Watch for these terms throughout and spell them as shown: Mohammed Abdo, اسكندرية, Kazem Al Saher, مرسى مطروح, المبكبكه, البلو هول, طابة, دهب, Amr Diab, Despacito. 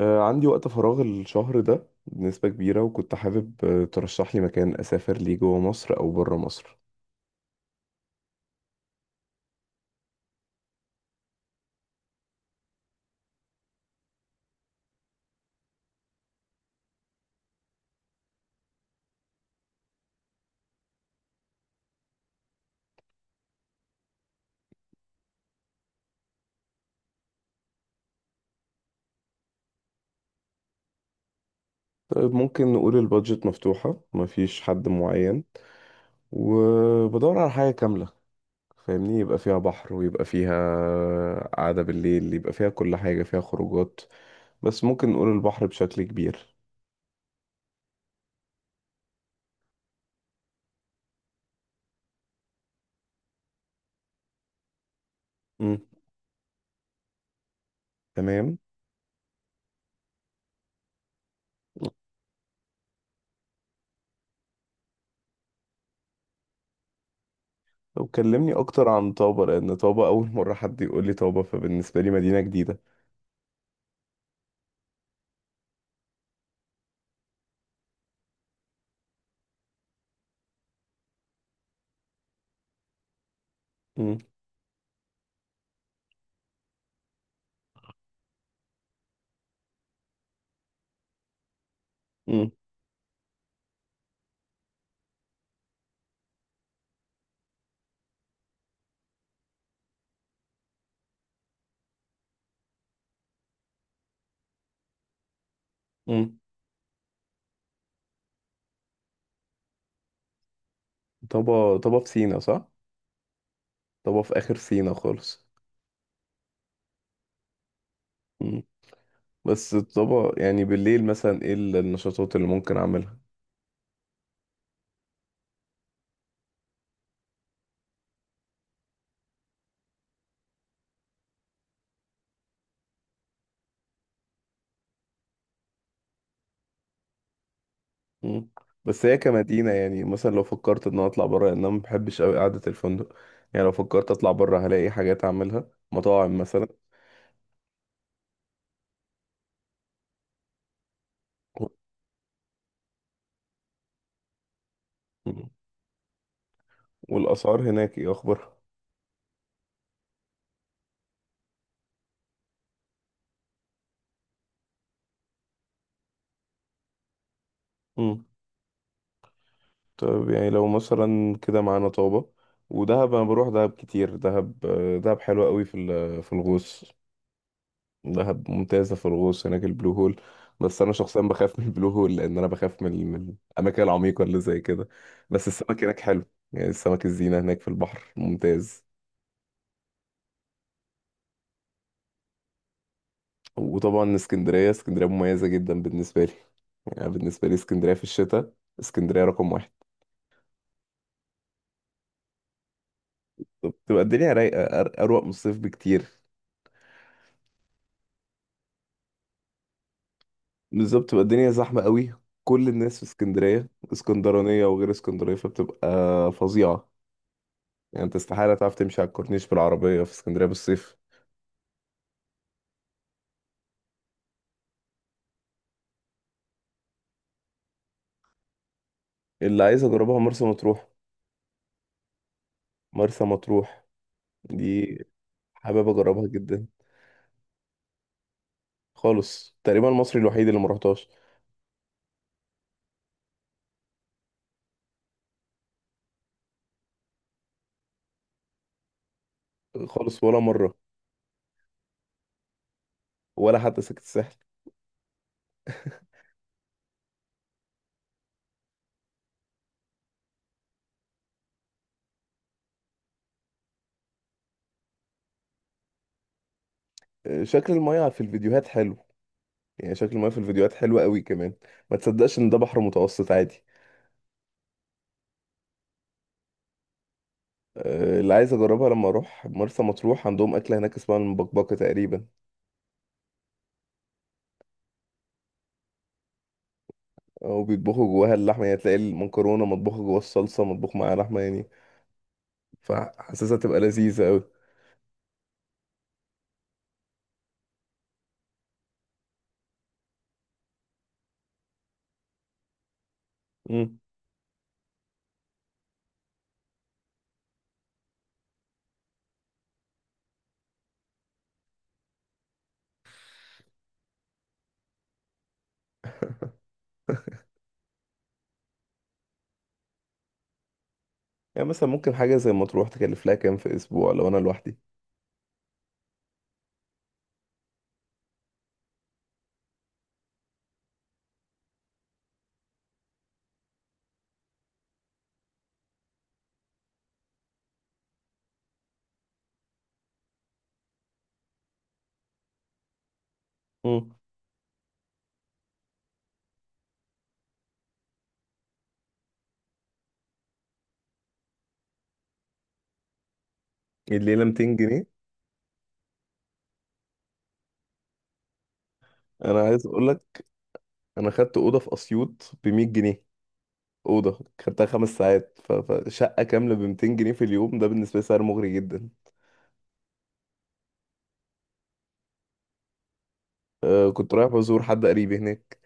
عندي وقت فراغ الشهر ده بنسبة كبيرة، وكنت حابب ترشح لي مكان أسافر ليه جوه مصر أو بره مصر. طيب، ممكن نقول البادجت مفتوحة، مفيش حد معين، وبدور على حاجة كاملة فاهمني، يبقى فيها بحر ويبقى فيها قعدة بالليل، يبقى فيها كل حاجة، فيها خروجات، بس ممكن نقول البحر بشكل كبير. مم. تمام. طب كلمني أكتر عن طابة، لأن طابة أول مرة حد يقول لي طابة، فبالنسبة لي مدينة جديدة. مم. مم. مم. طابة طابة في سينا صح؟ طبعا في آخر سينا خالص. مم. بس طبعا يعني بالليل مثلا ايه النشاطات اللي ممكن اعملها؟ مم. بس هي كمدينة، يعني مثلا لو فكرت ان انا اطلع بره، لان انا ما بحبش قوي قعدة الفندق، يعني لو فكرت اطلع بره هلاقي حاجات اعملها، مطاعم مثلا؟ مم. والاسعار هناك ايه اخبارها؟ مم. طيب، يعني لو مثلا كده معانا طابة ودهب، انا بروح دهب كتير، دهب دهب حلوة قوي في الغوص. دهب ممتازة في الغوص، هناك البلو هول. بس أنا شخصيا بخاف من البلو هول، لأن أنا بخاف من الأماكن العميقة اللي زي كده. بس السمك هناك حلو، يعني السمك الزينة هناك في البحر ممتاز. وطبعا اسكندرية، اسكندرية مميزة جدا بالنسبة لي، يعني بالنسبة لي اسكندرية في الشتاء، اسكندرية رقم واحد. بتبقى الدنيا رايقة، أروق من الصيف بكتير. بالظبط، بتبقى الدنيا زحمة قوي، كل الناس في اسكندرية، اسكندرانية وغير اسكندرية، فبتبقى فظيعة. يعني انت استحالة تعرف تمشي على الكورنيش بالعربية في اسكندرية بالصيف. اللي عايز اجربها مرسى مطروح. مرسى مطروح دي حابب اجربها جدا. خالص، تقريبا المصري الوحيد اللي ما رحتهاش خالص، ولا مره، ولا حتى سكت الساحل. شكل المياه في الفيديوهات حلو، يعني شكل المياه في الفيديوهات حلو قوي كمان، ما تصدقش ان ده بحر متوسط عادي. اللي عايز اجربها لما اروح مرسى مطروح، عندهم اكله هناك اسمها المبكبكه تقريبا. وبيطبخوا جواها اللحمه، يعني تلاقي المكرونه مطبوخه جواها الصلصه، مطبوخ معاها لحمه يعني. فحاسسها تبقى لذيذه قوي. يعني مثلا ممكن حاجة زي ما تروح تكلف لها كام في أسبوع لو أنا لوحدي؟ مم. الليلة 200 جنيه؟ أنا عايز أقول لك، أنا خدت أوضة في أسيوط ب 100 جنيه، أوضة خدتها خمس ساعات، فشقة كاملة ب 200 جنيه في اليوم، ده بالنسبة لي سعر مغري جدا. أه كنت رايح بزور حد قريبي هناك.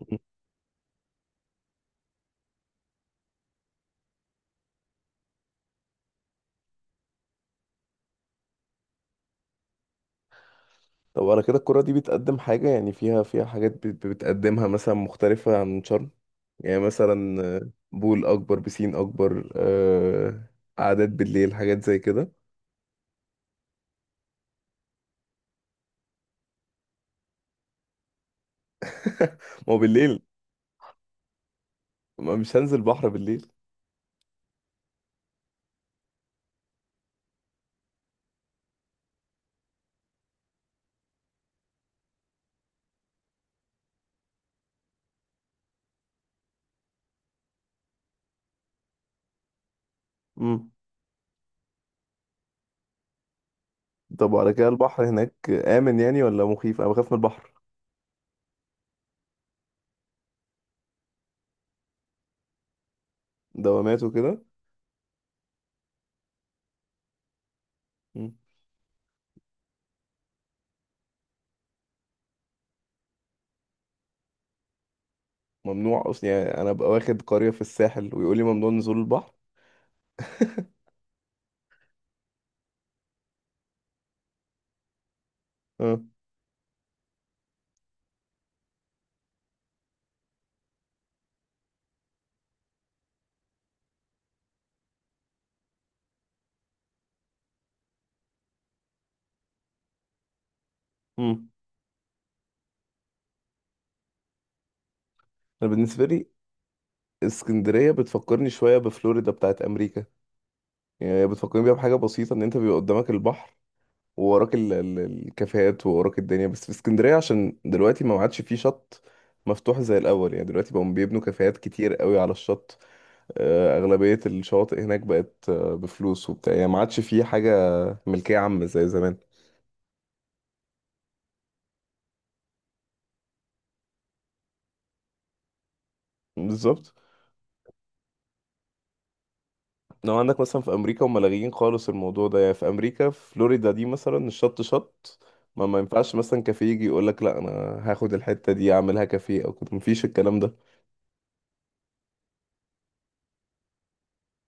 مم. طب على كده القرى دي بتقدم حاجة، يعني فيها، فيها حاجات بتقدمها مثلا مختلفة عن شرم؟ يعني مثلا بول أكبر، بسين أكبر، أه، قعدات بالليل، حاجات زي كده. ما هو بالليل، ما مش هنزل بحر بالليل. امم. طب وعلى كده البحر هناك آمن يعني ولا مخيف؟ انا بخاف من البحر، دوامات وكده. امم. ممنوع اصلا؟ يعني انا ببقى واخد قرية في الساحل ويقول لي ممنوع نزول البحر؟ اه. امم. انا بالنسبة لي اسكندرية بتفكرني شوية بفلوريدا بتاعت امريكا، يعني هي بتفكرني بيها بحاجة بسيطة، ان انت بيبقى قدامك البحر، ووراك الكافيهات، ووراك الدنيا، بس في اسكندرية عشان دلوقتي ما عادش فيه شط مفتوح زي الاول، يعني دلوقتي بقوا بيبنوا كافيهات كتير قوي على الشط. أغلبية الشواطئ هناك بقت بفلوس وبتاع، يعني ما عادش فيه حاجة ملكية عامة زي زمان. بالظبط. لو عندك مثلا في أمريكا، هم لاغيين خالص الموضوع ده، يعني في أمريكا، في فلوريدا دي مثلا، الشط شط، ما ينفعش مثلا كافيه يجي يقول لك لا انا هاخد الحتة دي اعملها كافيه او كده، مفيش الكلام ده.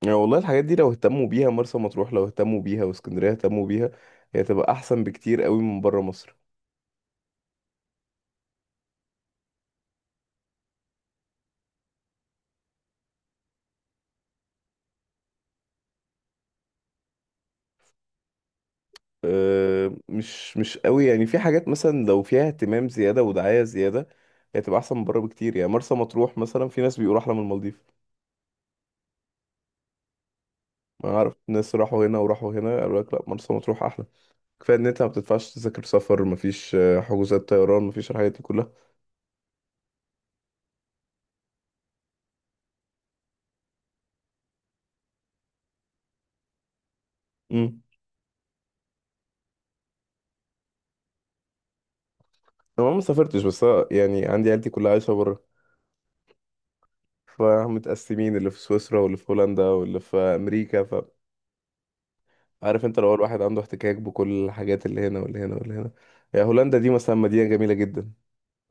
يعني والله الحاجات دي لو اهتموا بيها، مرسى مطروح لو اهتموا بيها، واسكندرية اهتموا بيها، هي تبقى احسن بكتير قوي من بره مصر. مش قوي، يعني في حاجات مثلا لو فيها اهتمام زيادة ودعاية زيادة، هي تبقى أحسن من بره بكتير. يعني مرسى مطروح مثلا في ناس بيقولوا أحلى من المالديف، ما أعرف ناس راحوا هنا وراحوا هنا قالوا لك لأ مرسى مطروح أحلى. كفاية إن أنت ما بتدفعش تذاكر سفر، مفيش حجوزات طيران، مفيش الحاجات دي كلها. امم. أنا ما سافرتش، بس أنا يعني عندي عيلتي كلها عايشة بره، فمتقسمين، اللي في سويسرا واللي في هولندا واللي في أمريكا، فعارف أنت لو الواحد عنده احتكاك بكل الحاجات، اللي هنا واللي هنا واللي هنا. يعني هولندا دي مثلا مدينة جميلة جدا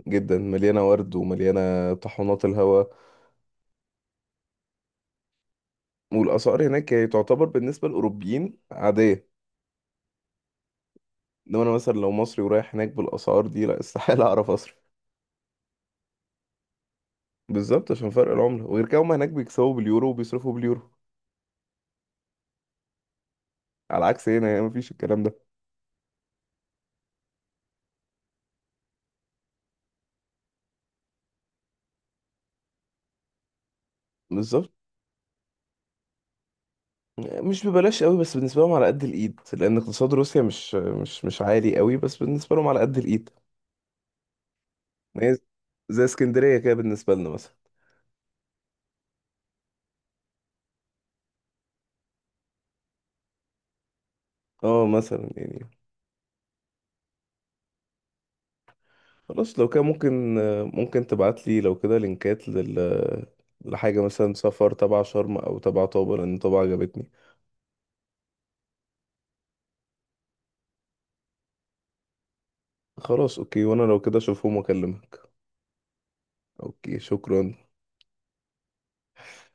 جدا، مليانة ورد ومليانة طحونات الهواء. والأسعار هناك يعني تعتبر بالنسبة للأوروبيين عادية، إنما أنا مثلا لو مصري ورايح هناك بالأسعار دي، لا استحالة أعرف أصرف. بالظبط، عشان فرق العملة، وغير كده هما هناك بيكسبوا باليورو وبيصرفوا باليورو، على عكس هنا، يعني مفيش الكلام ده. بالظبط. مش ببلاش قوي، بس بالنسبة لهم على قد الإيد، لأن اقتصاد روسيا مش عالي قوي، بس بالنسبة لهم على قد الإيد. هي زي اسكندرية كده بالنسبة لنا مثلا. اه مثلا يعني. خلاص، لو كان ممكن، ممكن تبعت لي لو كده لينكات لل، لحاجة مثلا سفر تبع شرم أو تبع طابة، لأن طابة عجبتني. خلاص، أوكي، وأنا لو كده أشوفهم وأكلمك. أوكي، شكرا.